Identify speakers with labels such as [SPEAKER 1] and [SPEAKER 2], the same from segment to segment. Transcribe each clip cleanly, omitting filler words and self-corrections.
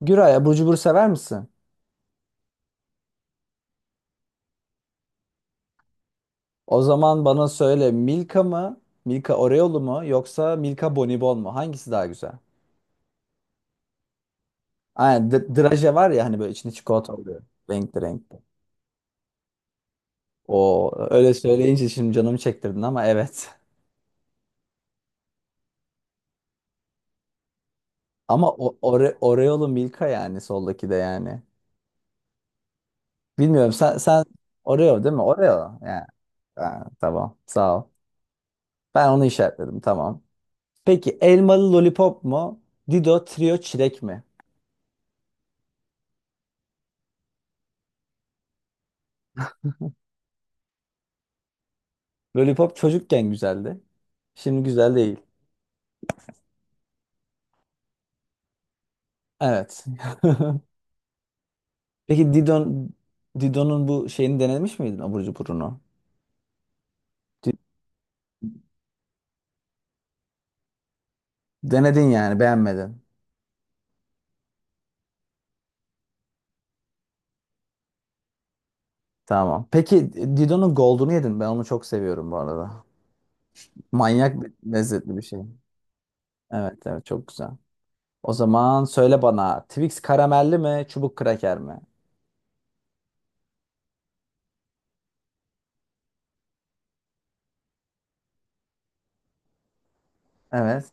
[SPEAKER 1] Güray, abur cubur sever misin? O zaman bana söyle, Milka mı, Milka Oreo'lu mu, yoksa Milka Bonibon mu? Hangisi daha güzel? Aynen, draje var ya hani, böyle içinde çikolata oluyor. Renkli renkli. O öyle söyleyince şimdi canımı çektirdin, ama evet. Ama Oreo'lu Milka yani, soldaki de yani. Bilmiyorum, sen Oreo değil mi? Oreo. Ha, tamam, sağ ol. Ben onu işaretledim, tamam. Peki, elmalı lollipop mu, Dido trio çilek mi? Lollipop çocukken güzeldi. Şimdi güzel değil. Evet. Peki, Didon'un bu şeyini denemiş miydin, abur cuburunu? Di- Denedin yani, beğenmedin. Tamam. Peki, Didon'un Gold'unu yedin. Ben onu çok seviyorum bu arada. Manyak lezzetli bir şey. Evet, çok güzel. O zaman söyle bana, Twix karamelli mi, çubuk kraker mi? Evet.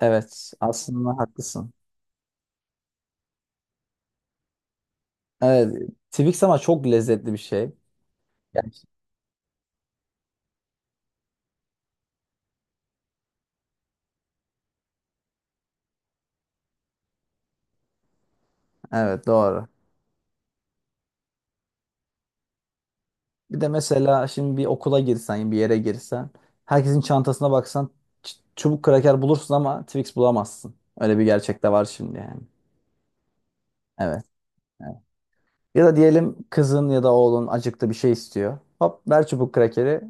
[SPEAKER 1] Evet, aslında haklısın. Evet, Twix ama çok lezzetli bir şey. Gerçi- Evet, doğru. Bir de mesela şimdi bir okula girsen, bir yere girsen, herkesin çantasına baksan, çubuk kraker bulursun ama Twix bulamazsın. Öyle bir gerçek de var şimdi yani. Evet, evet. Ya da diyelim, kızın ya da oğlun acıktı, bir şey istiyor. Hop, ver çubuk krakeri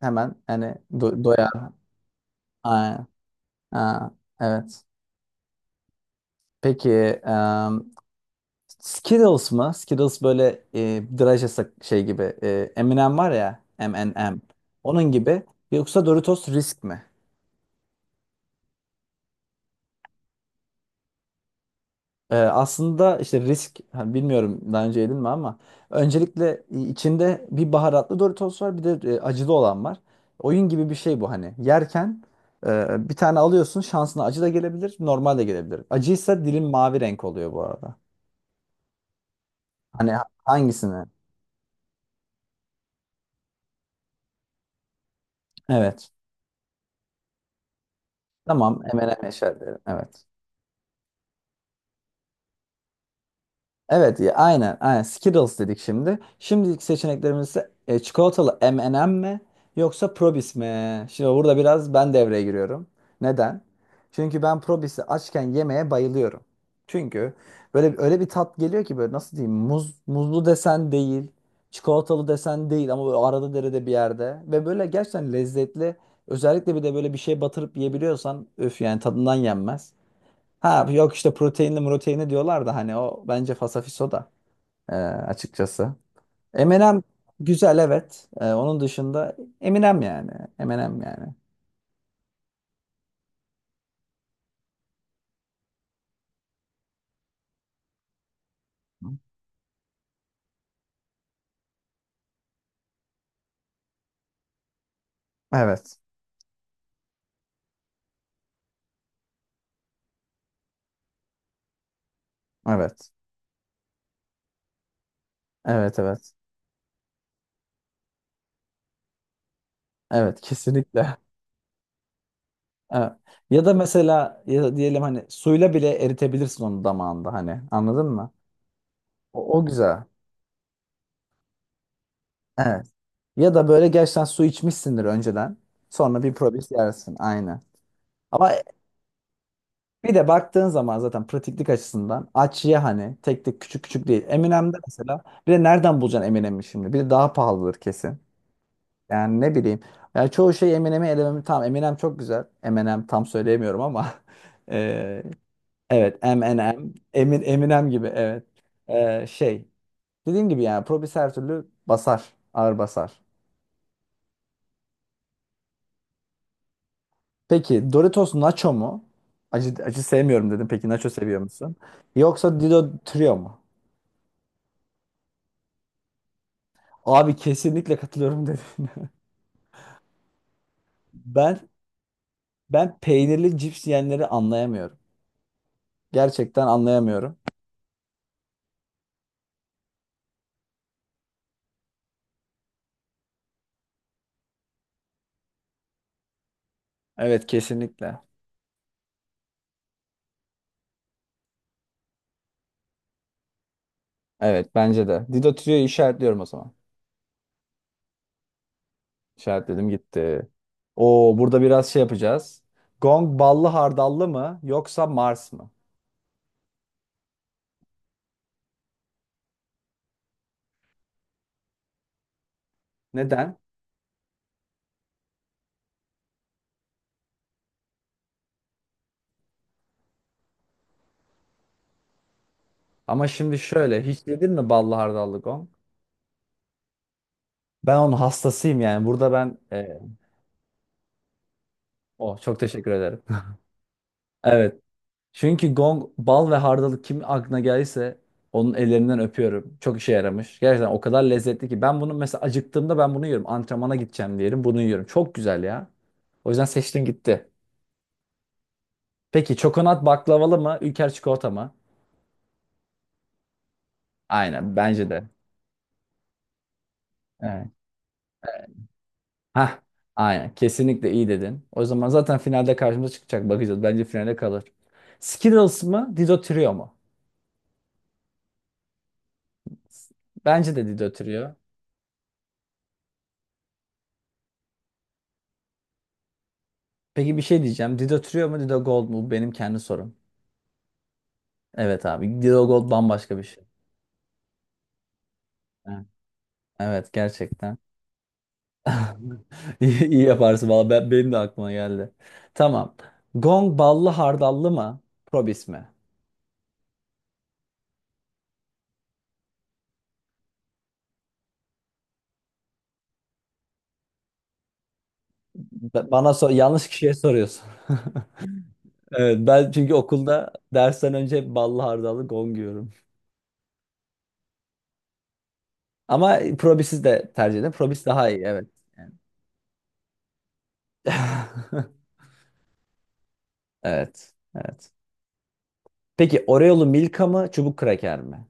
[SPEAKER 1] hemen, hani doyar. Aynen. Ha, evet. Peki, em, Skittles mı? Skittles böyle, draj şey gibi. M&M var ya, M&M. Onun gibi. Yoksa Doritos Risk mi? Aslında işte risk, hani bilmiyorum daha önce yedin mi ama öncelikle, içinde bir baharatlı Doritos var, bir de acılı olan var. Oyun gibi bir şey bu hani. Yerken bir tane alıyorsun, şansına acı da gelebilir, normal de gelebilir. Acıysa dilim mavi renk oluyor bu arada. Hani hangisini? Evet. Tamam, M&M eşerleri. Evet. Evet, ya, aynen, aynen. Skittles dedik şimdi. Şimdilik seçeneklerimizde çikolatalı M&M mi, yoksa Probis mi? Şimdi burada biraz ben devreye giriyorum. Neden? Çünkü ben Probis'i açken yemeye bayılıyorum. Çünkü böyle öyle bir tat geliyor ki, böyle nasıl diyeyim? Muzlu desen değil, çikolatalı desen değil, ama böyle arada derede bir yerde, ve böyle gerçekten lezzetli. Özellikle bir de böyle bir şey batırıp yiyebiliyorsan, öf, yani tadından yenmez. Ha yok, işte proteinli proteinli diyorlar da, hani o bence fasafiso da, açıkçası. Eminem güzel, evet. E, onun dışında Eminem yani. Eminem yani. Evet. Evet. Evet, evet. Evet, kesinlikle. Evet. Ya da mesela, ya da diyelim, hani suyla bile eritebilirsin onu damağında, hani anladın mı? O güzel. Evet. Ya da böyle gerçekten su içmişsindir önceden. Sonra bir probis yersin. Aynen. Ama bir de baktığın zaman zaten pratiklik açısından, Açıya hani, tek tek küçük küçük değil. Eminem'de mesela, bir de nereden bulacaksın Eminem'i şimdi? Bir de daha pahalıdır kesin. Yani ne bileyim. Yani çoğu şey Eminem'i elememi, tam Eminem çok güzel. Eminem tam söyleyemiyorum ama eee, evet, Eminem, Emin, Eminem gibi, evet. Şey, dediğim gibi yani, Probis her türlü basar. Ağır basar. Peki, Doritos Nacho mu? Acı sevmiyorum dedim. Peki, Nacho seviyor musun? Yoksa Dido Trio mu? Abi, kesinlikle katılıyorum dediğine. Ben ben peynirli cips yiyenleri anlayamıyorum. Gerçekten anlayamıyorum. Evet, kesinlikle. Evet, bence de. Dido Tüyo'yu işaretliyorum o zaman. İşaretledim gitti. Oo, burada biraz şey yapacağız. Gong ballı hardallı mı, yoksa Mars mı? Neden? Ama şimdi şöyle, hiç yedin mi ballı hardallı gong? Ben onun hastasıyım yani. Burada ben, oh, çok teşekkür ederim. Evet. Çünkü gong, bal ve hardalık kim aklına gelirse onun ellerinden öpüyorum. Çok işe yaramış. Gerçekten o kadar lezzetli ki. Ben bunu mesela acıktığımda ben bunu yiyorum. Antrenmana gideceğim diyelim, bunu yiyorum. Çok güzel ya. O yüzden seçtim gitti. Peki, çokonat baklavalı mı, Ülker çikolata mı? Aynen, bence de. Evet. Hah, aynen, kesinlikle iyi dedin. O zaman zaten finalde karşımıza çıkacak, bakacağız. Bence finale kalır. Skittles mı, Dido Trio mu? Bence de Dido Trio. Peki, bir şey diyeceğim. Dido Trio mu, Dido Gold mu? Bu benim kendi sorum. Evet abi. Dilo Gold bambaşka bir şey. Ha, evet, gerçekten. İyi, iyi yaparsın valla. Benim de aklıma geldi. Tamam. Gong ballı hardallı mı, Probis mi? Bana sor, yanlış kişiye soruyorsun. Evet, ben çünkü okulda dersten önce hep ballı hardallı gong yiyorum. Ama probisi de tercih ederim. Probis daha iyi, evet. Yani. Evet. Evet. Peki, Oreo'lu Milka mı, çubuk kraker mi?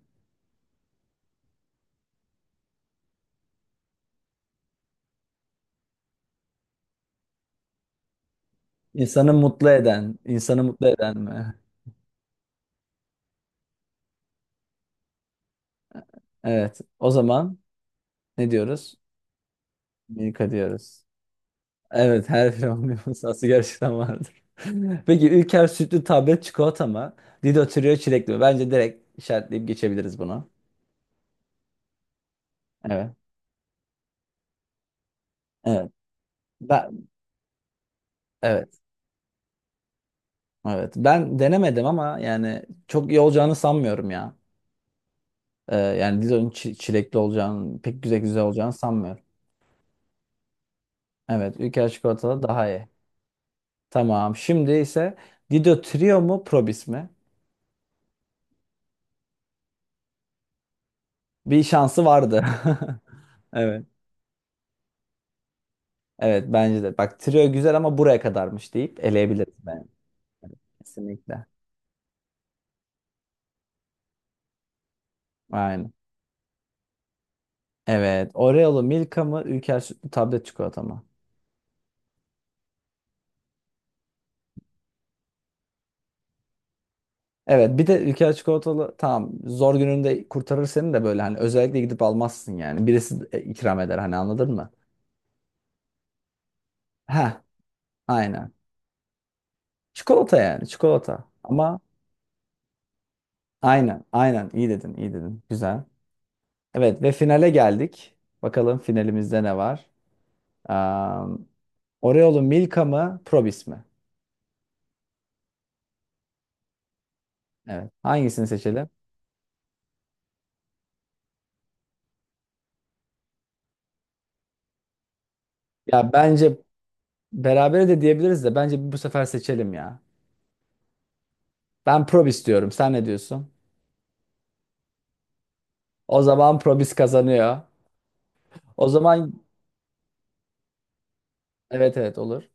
[SPEAKER 1] İnsanı mutlu eden, insanı mutlu eden mi? Evet. O zaman ne diyoruz? Milka diyoruz. Evet, her firmanın bir masası gerçekten vardır. Peki, Ülker sütlü tablet çikolata mı, Dido Trio çilekli mi? Bence direkt işaretleyip geçebiliriz bunu. Evet. Evet. Ben, evet. Evet. Ben denemedim ama yani çok iyi olacağını sanmıyorum ya. Yani Dido'nun çilekli olacağını, pek güzel güzel olacağını sanmıyorum. Evet. Ülker çikolatalı daha iyi. Tamam. Şimdi ise Dido Trio mu, Probis mi? Bir şansı vardı. Evet. Evet, bence de. Bak, trio güzel ama buraya kadarmış deyip eleyebiliriz ben. Evet, kesinlikle. Aynen. Evet. Oreo'lu Milka mı, Ülker sütlü tablet çikolata mı? Evet, bir de Ülker çikolatalı, tamam, zor gününde kurtarır seni de, böyle hani özellikle gidip almazsın yani. Birisi de ikram eder, hani anladın mı? Ha, aynen. Çikolata yani, çikolata. Ama aynen, aynen, iyi dedin, iyi dedin. Güzel. Evet, ve finale geldik. Bakalım finalimizde ne var? Um, Oreo'lu Milka mı, Probis mi? Evet. Hangisini seçelim? Ya bence berabere de diyebiliriz de, bence bu sefer seçelim ya. Ben Probis diyorum. Sen ne diyorsun? O zaman Probis kazanıyor. O zaman evet, evet, olur.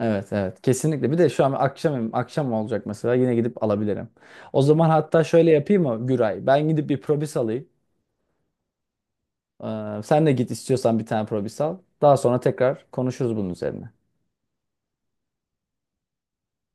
[SPEAKER 1] Evet, evet, kesinlikle. Bir de şu an akşam akşam olacak mesela, yine gidip alabilirim. O zaman hatta şöyle yapayım mı Güray? Ben gidip bir Probis alayım. Sen de git istiyorsan bir tane Probis al. Daha sonra tekrar konuşuruz bunun üzerine.